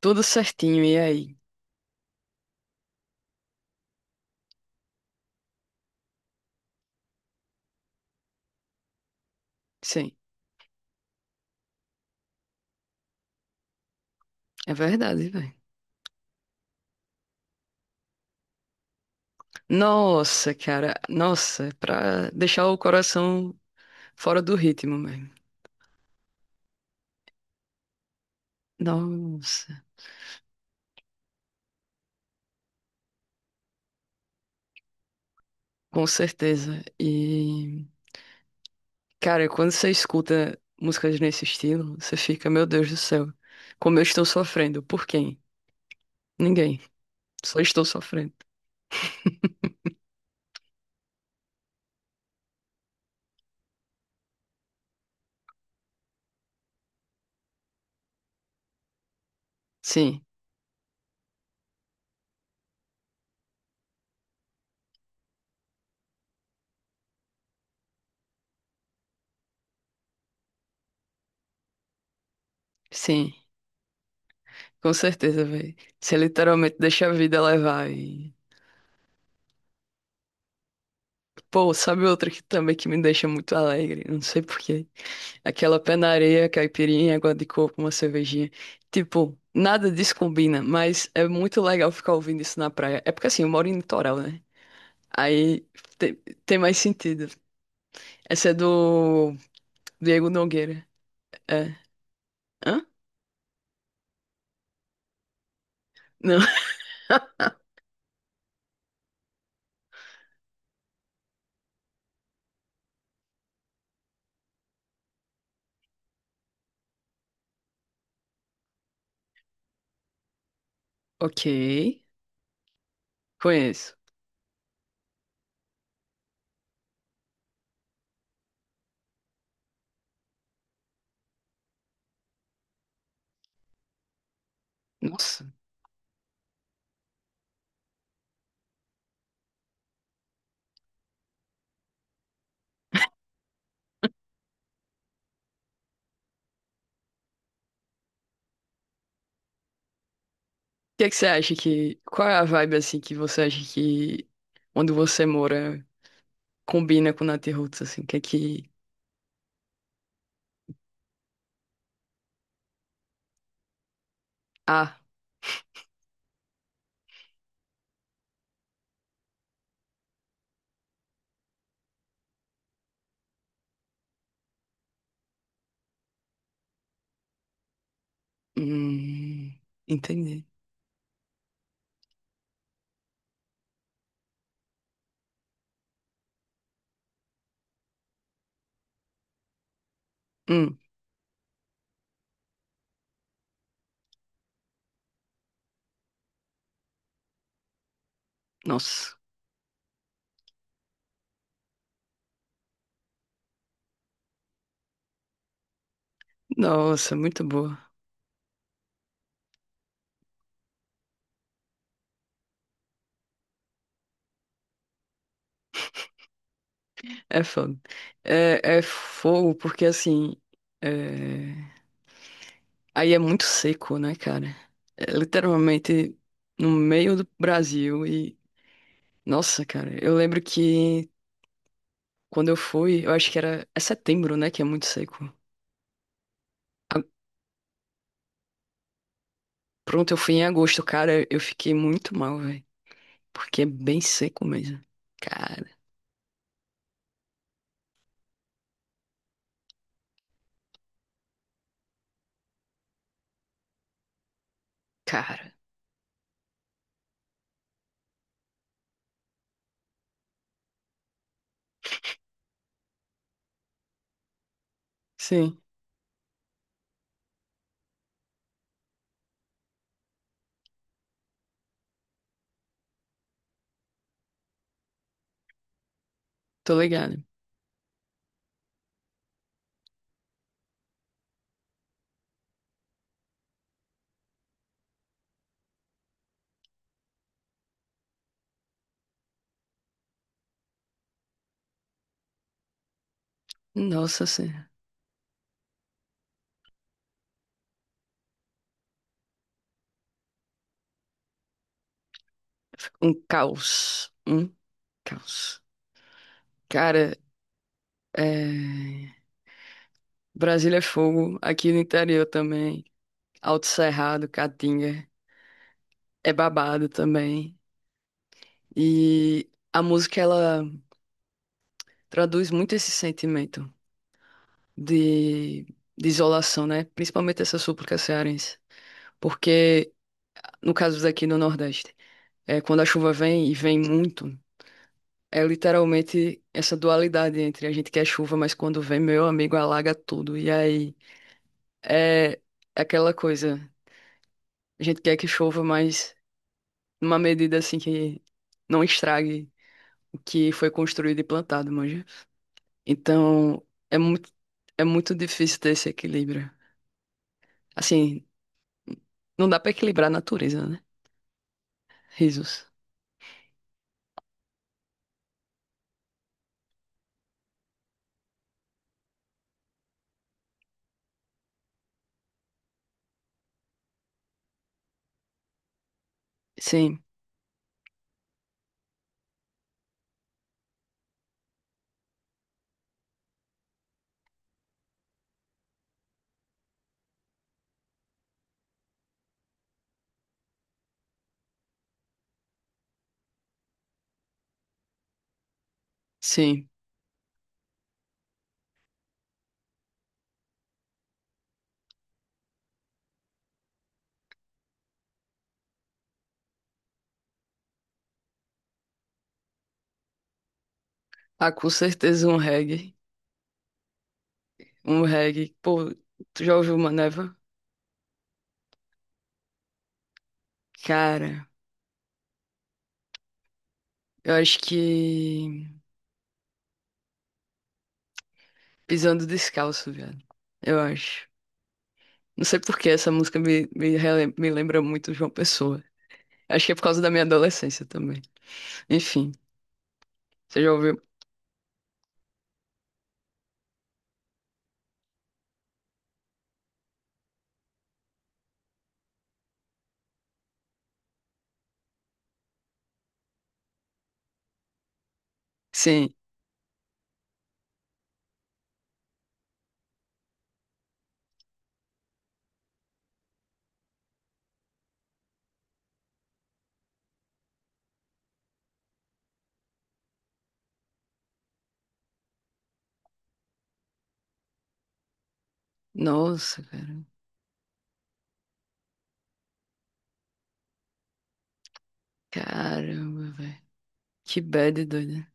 Tudo certinho, e aí? Sim, é verdade, velho. Nossa, cara, nossa, é pra deixar o coração fora do ritmo mesmo. Nossa, com certeza. E, cara, quando você escuta músicas nesse estilo, você fica, meu Deus do céu, como eu estou sofrendo? Por quem? Ninguém. Só estou sofrendo. Sim, sim, com certeza, velho. Você literalmente deixa a vida levar e... Pô, sabe outra que também que me deixa muito alegre? Não sei por quê. Aquela pé na areia, caipirinha, água de coco, uma cervejinha. Tipo, nada disso combina, mas é muito legal ficar ouvindo isso na praia. É porque assim, eu moro em litoral, né? Aí te- tem, mais sentido. Essa é do Diego Nogueira. É. Hã? Não. Ok. Conheço. Nossa. O que é que você acha que. Qual é a vibe assim que você acha que onde você mora combina com Natiruts, assim? O que é que. Ah. Hum. Entendi. Hum. Nossa. Nossa, muito boa. É fogo. É, é fogo porque assim. é, Aí é muito seco, né, cara? É literalmente no meio do Brasil e. Nossa, cara, eu lembro que quando eu fui, eu acho que era. É setembro, né, que é muito seco. A- Pronto, eu fui em agosto, cara, eu fiquei muito mal, velho. Porque é bem seco mesmo. Cara, cara. Sim, tô ligado. Nossa senhora. Um caos. Um caos. Cara, É, Brasília é fogo, aqui no interior também. Alto Cerrado, Caatinga, é babado também. E a música, ela traduz muito esse sentimento de, de isolação, né? Principalmente essa súplica cearense. Porque, no caso daqui no Nordeste, é, quando a chuva vem, e vem muito, é literalmente essa dualidade entre a gente quer chuva, mas quando vem, meu amigo, alaga tudo. E aí, é é aquela coisa... A gente quer que chova, mas numa medida assim que não estrague o que foi construído e plantado, manja. Então, é muito difícil ter esse equilíbrio. Assim, não dá pra equilibrar a natureza, né? Risos. Sim, sim. Ah, com certeza um reggae. Um reggae. Pô, tu já ouviu Maneva? Cara, eu acho que Pisando Descalço, velho. Eu acho. Não sei por que essa música me lembra muito João Pessoa. Acho que é por causa da minha adolescência também. Enfim, você já ouviu? Sim. Nossa, cara. Caramba, velho. Que bad doida.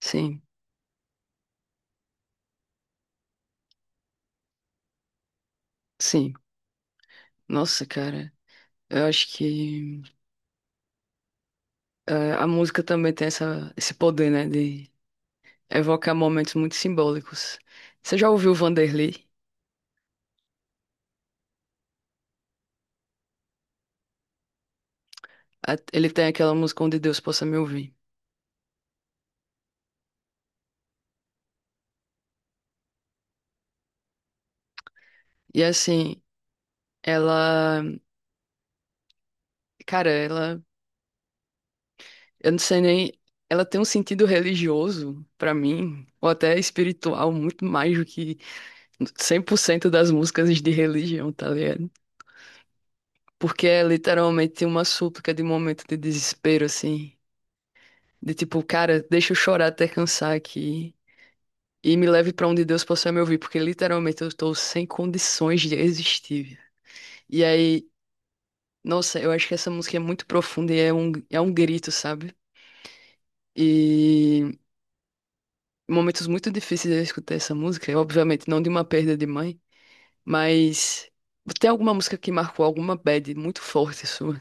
Sim, sim. Nossa, cara. Eu acho que a música também tem essa, esse poder, né? De evocar momentos muito simbólicos. Você já ouviu o Vanderlei? Ele tem aquela música Onde Deus Possa Me Ouvir. E assim, ela. Cara, ela. Eu não sei nem. Ela tem um sentido religioso, pra mim, ou até espiritual, muito mais do que 100% das músicas de religião, tá ligado? Porque é literalmente uma súplica de momento de desespero, assim. De tipo, cara, deixa eu chorar até cansar aqui. E me leve pra onde Deus possa me ouvir, porque literalmente eu tô sem condições de existir, velho. E aí, nossa, eu acho que essa música é muito profunda e é é um grito, sabe? E momentos muito difíceis eu escutei essa música, e obviamente não de uma perda de mãe, mas tem alguma música que marcou alguma bad muito forte sua?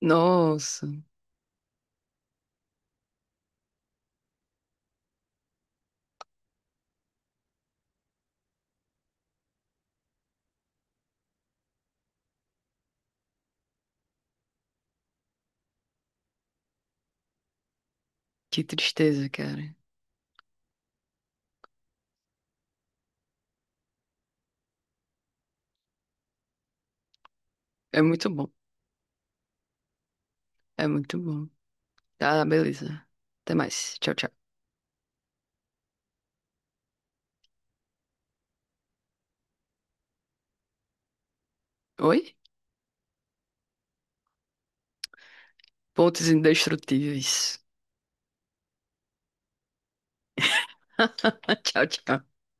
Nossa, que tristeza, cara. É muito bom, é muito bom. Tá, beleza. Até mais. Tchau, tchau. Oi? Pontos indestrutíveis. Tchau, tchau.